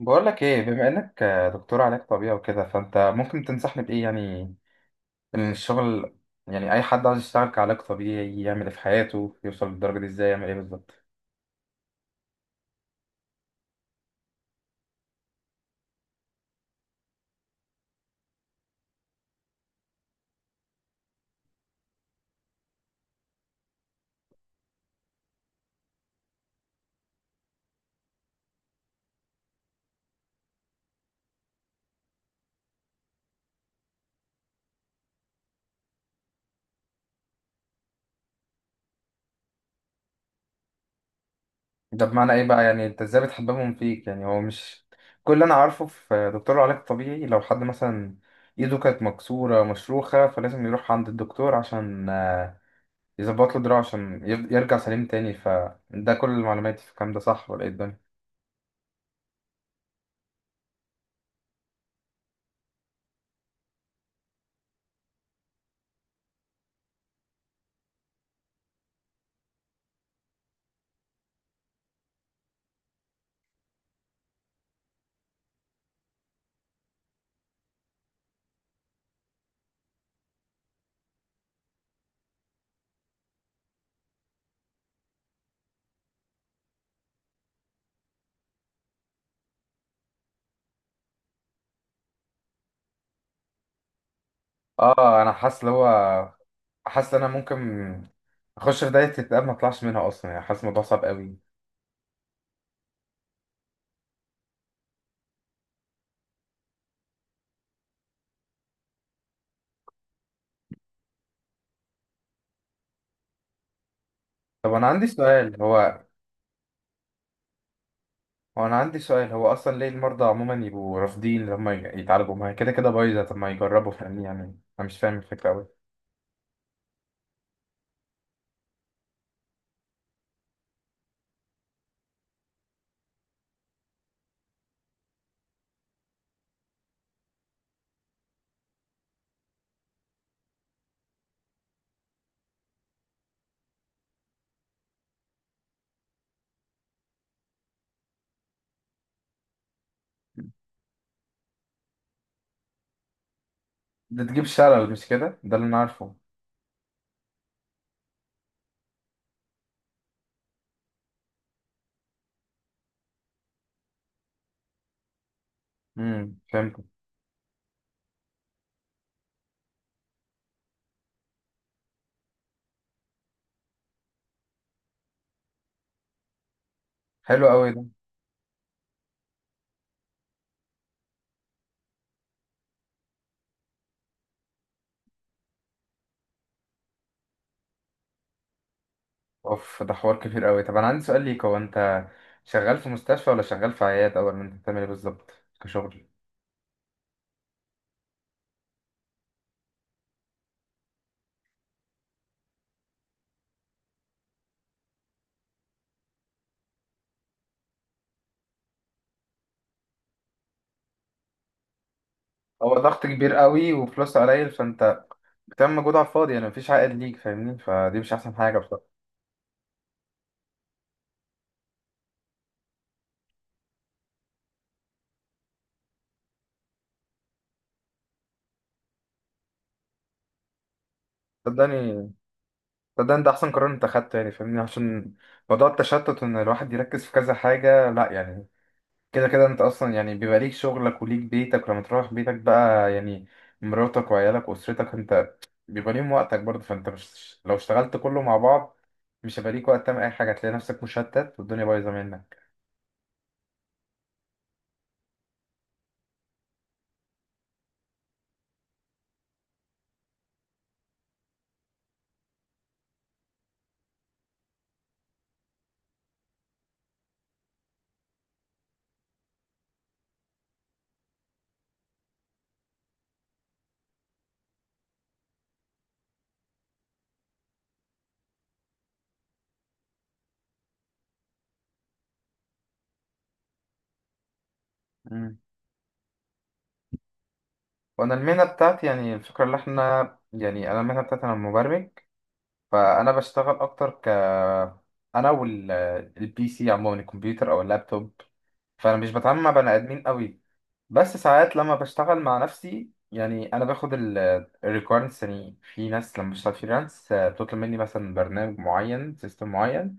بقول لك ايه؟ بما انك دكتور علاج طبيعي وكده، فانت ممكن تنصحني بايه؟ يعني ان الشغل، يعني اي حد عايز يشتغل كعلاج طبيعي يعمل ايه في حياته؟ يوصل للدرجه دي ازاي؟ يعمل ايه بالظبط؟ ده بمعنى ايه بقى؟ يعني انت ازاي بتحببهم فيك؟ يعني هو مش كل اللي انا عارفه في دكتور علاج طبيعي لو حد مثلا ايده كانت مكسوره مشروخه فلازم يروح عند الدكتور عشان يظبط له دراعه عشان يرجع سليم تاني. فده كل المعلومات في الكلام ده، صح ولا ايه الدنيا؟ اه، انا حاسس اللي هو، حاسس ان انا ممكن اخش في دايره اكتئاب ما اطلعش منها اصلا. يعني حاسس الموضوع صعب قوي. طب انا عندي سؤال، هو هو انا عندي سؤال هو اصلا ليه المرضى عموما يبقوا رافضين لما يتعالجوا؟ ما هي كده كده بايظه، طب ما يجربوا. فاهمني؟ يعني انا مش فاهم الفكره قوي. ده تجيب شلل، مش كده؟ ده اللي انا عارفه. فهمت. حلو قوي ده. اوف، ده حوار كبير قوي. طب انا عندي سؤال ليك، هو انت شغال في مستشفى ولا شغال في عياده؟ ولا انت بتعمل ايه بالظبط كشغل؟ هو ضغط كبير قوي وفلوس قليل، فانت بتعمل مجهود على الفاضي، يعني مفيش عائد ليك، فاهمني؟ فدي مش احسن حاجه بصراحه. صدقني، صدقني ده احسن قرار انت اخدته، يعني فاهمني؟ عشان موضوع التشتت وان الواحد يركز في كذا حاجه، لا يعني. كده كده انت اصلا يعني بيبقى ليك شغلك وليك بيتك، ولما تروح بيتك بقى يعني مراتك وعيالك واسرتك، انت بيبقى ليهم وقتك برضه. فانت مش لو اشتغلت كله مع بعض مش هيبقى ليك وقت تعمل اي حاجه، هتلاقي نفسك مشتت والدنيا بايظه منك. مم. وانا المهنه بتاعتي يعني الفكره اللي احنا، يعني انا المهنه بتاعتي انا مبرمج، فانا بشتغل اكتر ك، انا والبي سي عموما، الكمبيوتر او اللابتوب. فانا مش بتعامل مع بني ادمين قوي. بس ساعات لما بشتغل مع نفسي، يعني انا باخد الريكويرمنتس. يعني في ناس لما بشتغل فريلانس بتطلب مني مثلا برنامج معين، سيستم معين.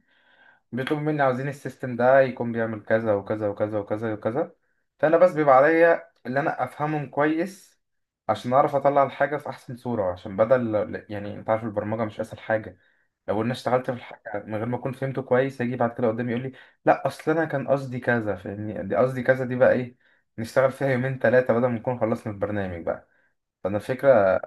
بيطلبوا مني عاوزين السيستم ده يكون بيعمل كذا وكذا وكذا وكذا وكذا، فانا بس بيبقى عليا اللي انا افهمهم كويس عشان اعرف اطلع الحاجه في احسن صوره. عشان بدل، يعني انت عارف البرمجه مش اسهل حاجه، لو انا اشتغلت في الحاجه من غير ما اكون فهمته كويس هيجي بعد كده قدامي يقول لي لا اصل انا كان قصدي كذا، فاهمني؟ دي قصدي كذا، دي بقى ايه، نشتغل فيها يومين ثلاثه بدل ما نكون خلصنا البرنامج بقى. فانا الفكره،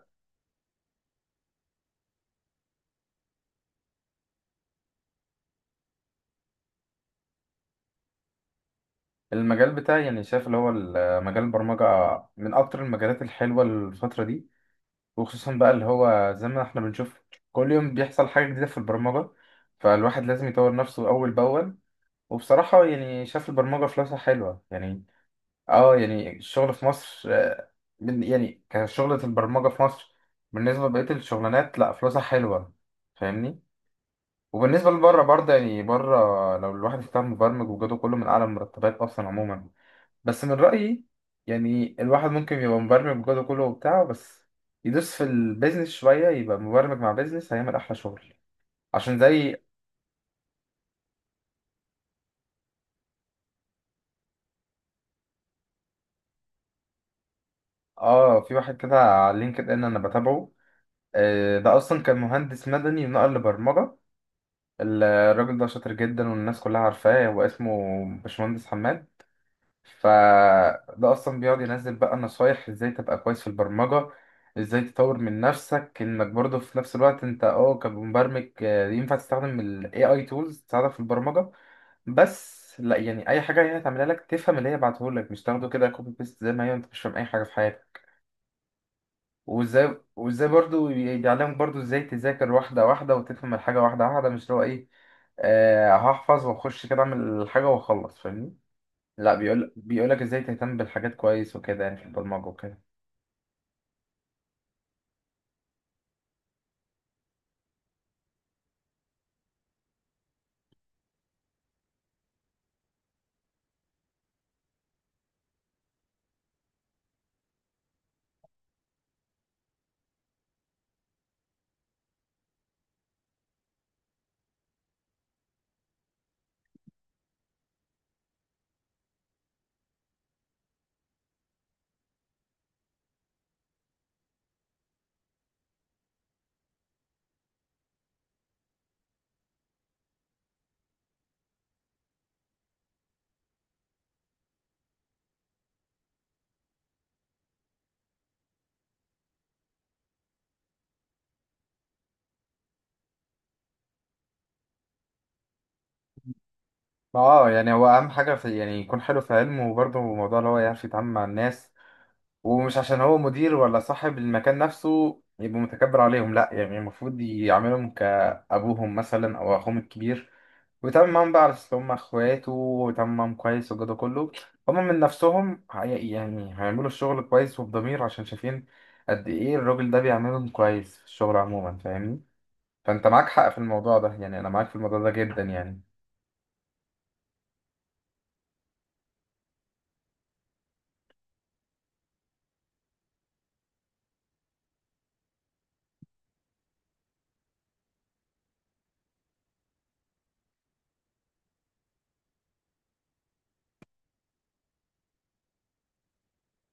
المجال بتاعي يعني شايف اللي هو مجال البرمجه من اكتر المجالات الحلوه الفتره دي، وخصوصا بقى اللي هو زي ما احنا بنشوف كل يوم بيحصل حاجه جديده في البرمجه، فالواحد لازم يطور نفسه اول باول. وبصراحه يعني شايف البرمجه فلوسها حلوه يعني. اه، يعني الشغل في مصر يعني كشغلة البرمجة في مصر بالنسبة لبقية الشغلانات، لا فلوسها حلوة، فاهمني؟ وبالنسبة لبره برضه، يعني بره لو الواحد اشتغل مبرمج وجوده كله، من أعلى المرتبات أصلا عموما. بس من رأيي يعني الواحد ممكن يبقى مبرمج وجوده كله وبتاع، بس يدوس في البيزنس شوية، يبقى مبرمج مع بيزنس، هيعمل أحلى شغل. عشان زي، اه، في واحد كده على لينكد إن أنا بتابعه، ده أصلا كان مهندس مدني ونقل لبرمجة. الراجل ده شاطر جدا، والناس كلها عارفاه، هو اسمه باشمهندس حماد. فده اصلا بيقعد ينزل بقى نصايح ازاي تبقى كويس في البرمجة، ازاي تطور من نفسك، انك برضه في نفس الوقت انت اه كمبرمج ينفع تستخدم ال AI tools تساعدك في البرمجة. بس لا يعني اي حاجة هي هتعملها لك تفهم اللي هي بعتهولك، مش تاخده كده كوبي بيست زي ما هي انت مش فاهم اي حاجة في حياتك. وازاي برضو بيعلمك برضو ازاي تذاكر واحدة واحدة وتفهم الحاجة واحدة واحدة، مش اللي هو ايه، آه هحفظ واخش كده اعمل الحاجة واخلص، فاهمني؟ لا، بيقول، بيقولك ازاي تهتم بالحاجات كويس وكده يعني في البرمجة وكده. ما اه يعني هو اهم حاجه في، يعني يكون حلو في علمه وبرضه موضوع اللي هو يعرف يتعامل مع الناس. ومش عشان هو مدير ولا صاحب المكان نفسه يبقى متكبر عليهم، لا يعني المفروض يعاملهم كابوهم مثلا او اخوهم الكبير، وبيتعامل معاهم بقى على أساس إن هم إخواته، وبيتعامل معاهم كويس. والجو ده كله هم من نفسهم يعني هيعملوا الشغل كويس وبضمير، عشان شايفين قد إيه الراجل ده بيعملهم كويس في الشغل عموما، فاهمني؟ فأنت معاك حق في الموضوع ده، يعني أنا معاك في الموضوع ده جدا يعني.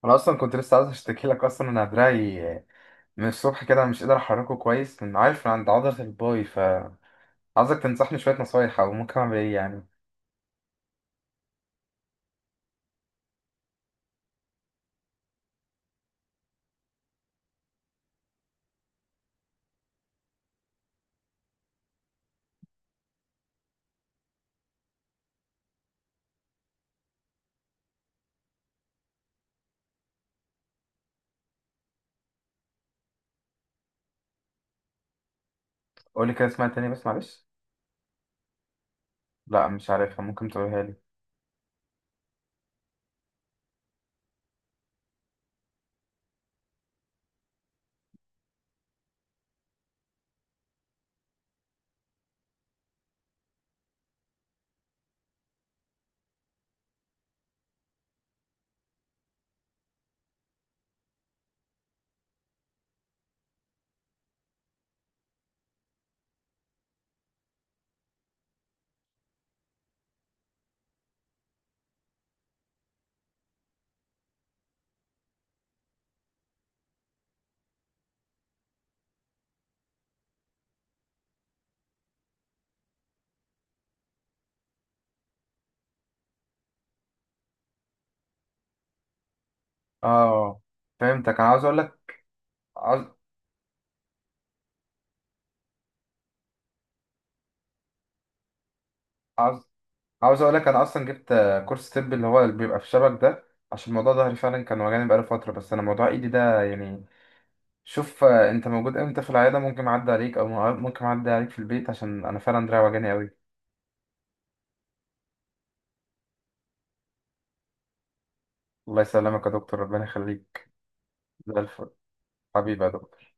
أنا أصلا كنت لسه عاوز أشتكي لك أصلا، إن دراعي من الصبح كده مش قادر أحركه كويس، من عارف من عند عضلة الباي، فعاوزك تنصحني شوية نصايح أو ممكن أعمل إيه يعني. قولي كده اسمها تاني بس معلش. لا مش عارفها، ممكن تقولها لي. اه فهمتك. انا عاوز اقول لك، عاوز، عاوز عاوز اقول لك، انا اصلا جبت كورس طب اللي هو اللي بيبقى في شبك ده، عشان موضوع ظهري فعلا كان وجعني بقاله فتره. بس انا موضوع ايدي ده يعني، شوف انت موجود امتى في العياده؟ ممكن اعدي عليك، او ممكن اعدي عليك في البيت، عشان انا فعلا دراعي وجعني قوي. الله يسلمك يا دكتور، ربنا يخليك. زي الفل. حبيبي يا دكتور.